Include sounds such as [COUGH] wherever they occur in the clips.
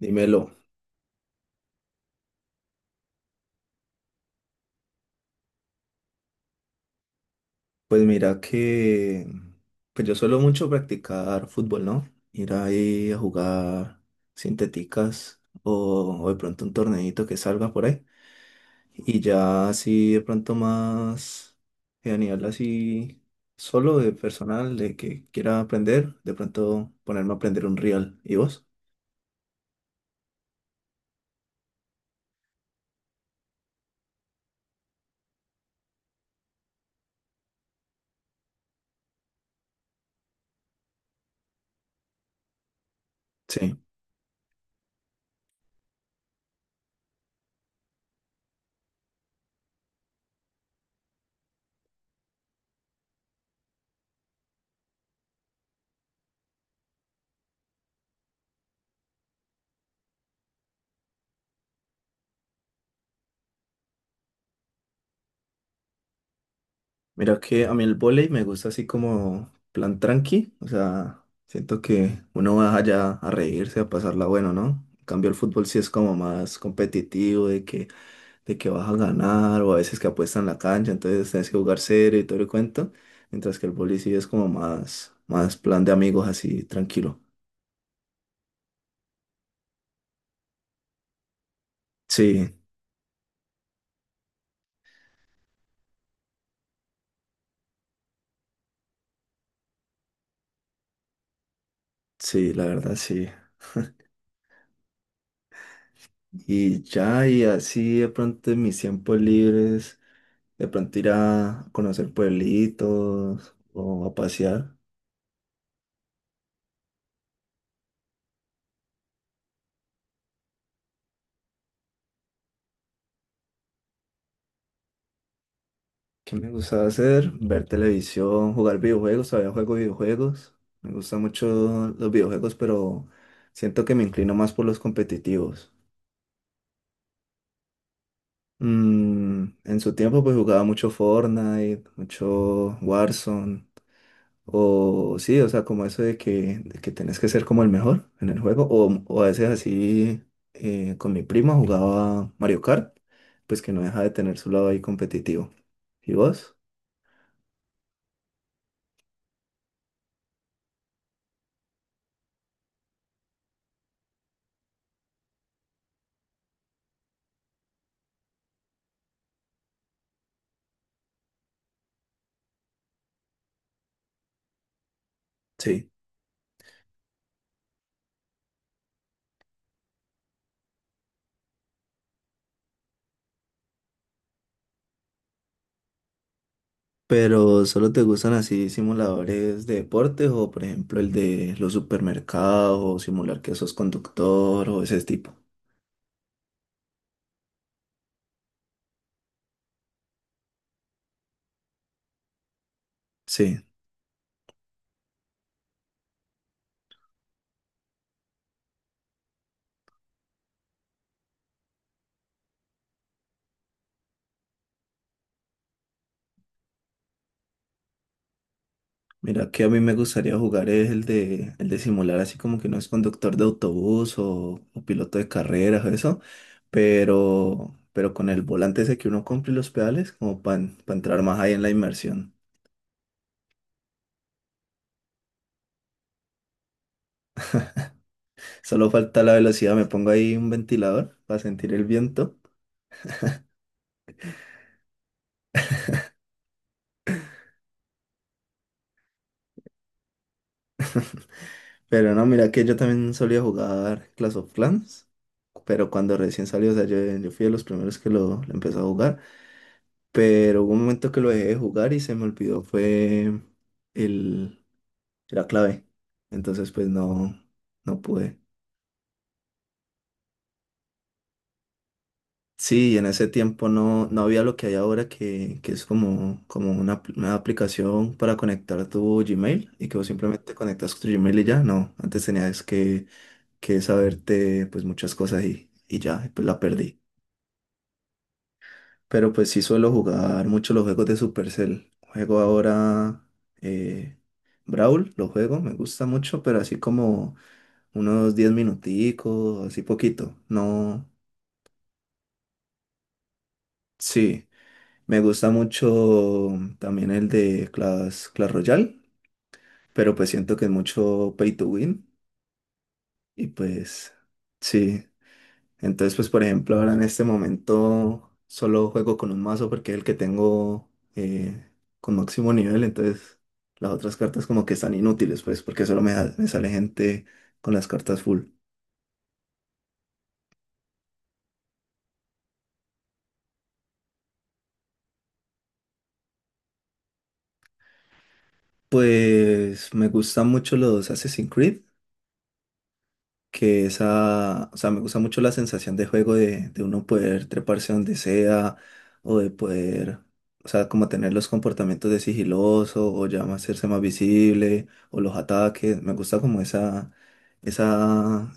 Dímelo. Pues mira que pues yo suelo mucho practicar fútbol, ¿no? Ir ahí a jugar sintéticas o de pronto un torneito que salga por ahí. Y ya así de pronto más a nivel así solo de personal, de que quiera aprender, de pronto ponerme a aprender un real. ¿Y vos? Sí. Mira que a mí el vóley me gusta así como plan tranqui, o sea, siento que uno va allá a reírse, a pasarla bueno, ¿no? En cambio el fútbol sí es como más competitivo, de que vas a ganar, o a veces que apuestan la cancha, entonces tienes que jugar serio y todo el cuento, mientras que el vóley sí es como más, más plan de amigos así, tranquilo. Sí, sí, la verdad sí. Y ya, y así de pronto en mis tiempos libres. De pronto ir a conocer pueblitos o a pasear. ¿Qué me gustaba hacer? Ver televisión, jugar videojuegos. Todavía juego videojuegos. Me gustan mucho los videojuegos, pero siento que me inclino más por los competitivos. Mm, en su tiempo pues jugaba mucho Fortnite, mucho Warzone. O sí, o sea, como eso de que tenés que ser como el mejor en el juego. O a veces así con mi prima jugaba Mario Kart, pues que no deja de tener su lado ahí competitivo. ¿Y vos? Sí. Pero solo te gustan así simuladores de deportes o por ejemplo el de los supermercados o simular que sos conductor o ese tipo. Sí. Mira, que a mí me gustaría jugar es el de simular así como que no es conductor de autobús o piloto de carreras o eso, pero con el volante ese que uno compra y los pedales como para entrar más ahí en la inmersión. Solo falta la velocidad, me pongo ahí un ventilador para sentir el viento, pero no, mira que yo también solía jugar Clash of Clans, pero cuando recién salió, o sea, yo fui de los primeros que lo empezó a jugar, pero hubo un momento que lo dejé de jugar y se me olvidó, fue el... era clave. Entonces, pues no, no pude. Sí, y en ese tiempo no había lo que hay ahora, que es como, como una, una aplicación para conectar tu Gmail y que vos simplemente conectas tu Gmail y ya. No, antes tenías que saberte pues muchas cosas y ya, y pues la perdí. Pero pues sí suelo jugar mucho los juegos de Supercell. Juego ahora eh, Brawl, lo juego, me gusta mucho, pero así como unos 10 minuticos, así poquito. No. Sí, me gusta mucho también el de Clash, Clash Royale, pero pues siento que es mucho pay to win y pues sí. Entonces pues por ejemplo ahora en este momento solo juego con un mazo porque es el que tengo eh, con máximo nivel, entonces las otras cartas como que están inútiles pues porque solo me sale gente con las cartas full. Pues me gustan mucho los Assassin's Creed que esa, o sea, me gusta mucho la sensación de juego de uno poder treparse donde sea o de poder, o sea, como tener los comportamientos de sigiloso o ya más hacerse más visible o los ataques, me gusta como esa,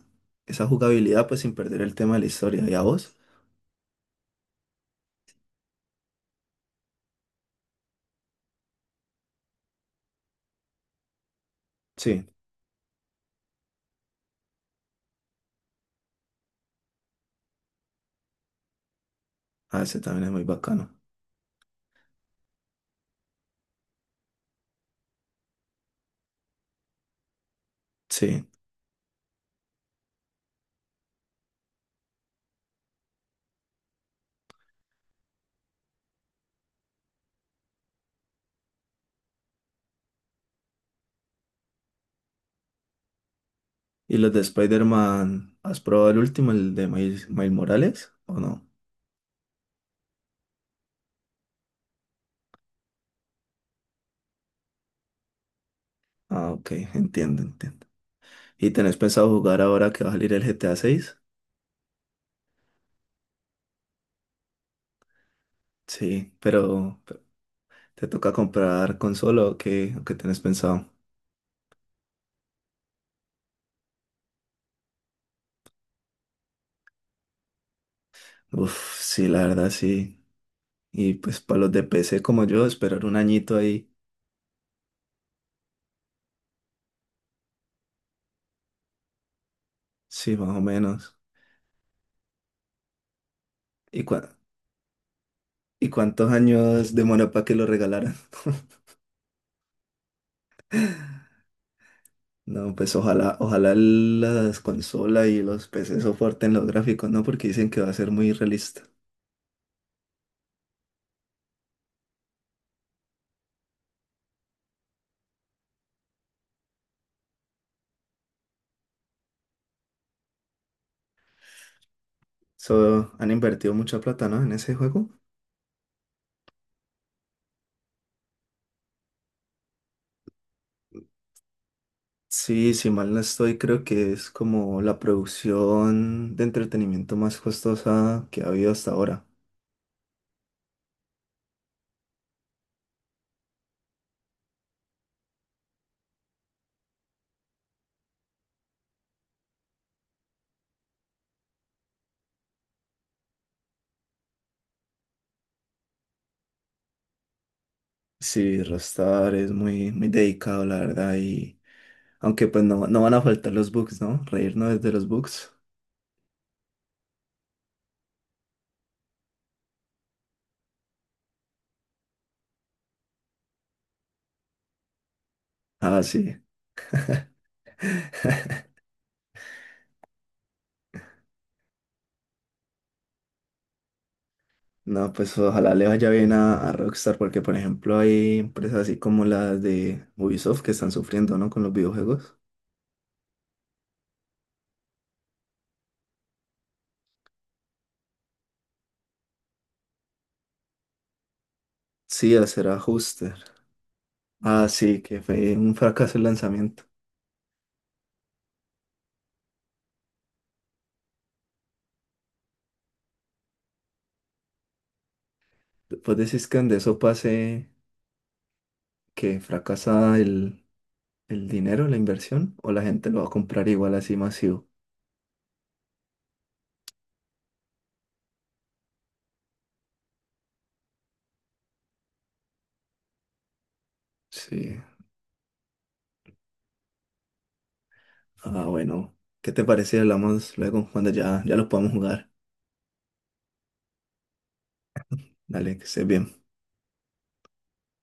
esa jugabilidad pues sin perder el tema de la historia. ¿Y a vos? Sí, a ese también es muy bacano. Sí. ¿Y los de Spider-Man, has probado el último, el de Miles, Miles Morales o no? Ah, ok, entiendo, entiendo. ¿Y tenés pensado jugar ahora que va a salir el GTA 6? Sí, pero ¿te toca comprar consola o qué tenés pensado? Uf, sí, la verdad sí. Y pues para los de PC como yo, esperar un añito ahí. Sí, más o menos. ¿Y, y cuántos años demora para que lo regalaran? [LAUGHS] No, pues ojalá, ojalá las consolas y los PC soporten los gráficos, ¿no? Porque dicen que va a ser muy realista. So, han invertido mucha plata, ¿no? En ese juego. Sí, si mal no estoy, creo que es como la producción de entretenimiento más costosa que ha habido hasta ahora. Sí, Rostar es muy, muy dedicado, la verdad, y aunque pues no, no van a faltar los bugs, ¿no? Reírnos desde los bugs. Ah, sí. No, pues ojalá le vaya bien a Rockstar, porque por ejemplo hay empresas así como las de Ubisoft que están sufriendo, ¿no? Con los videojuegos. Sí, hacer ajustes. Ah, sí, que fue un fracaso el lanzamiento. Después decís que donde eso pase que fracasa el dinero, la inversión, o la gente lo va a comprar igual así masivo. Sí. Ah, bueno. ¿Qué te parece si hablamos luego cuando ya, ya lo podamos jugar? Dale, que estés bien.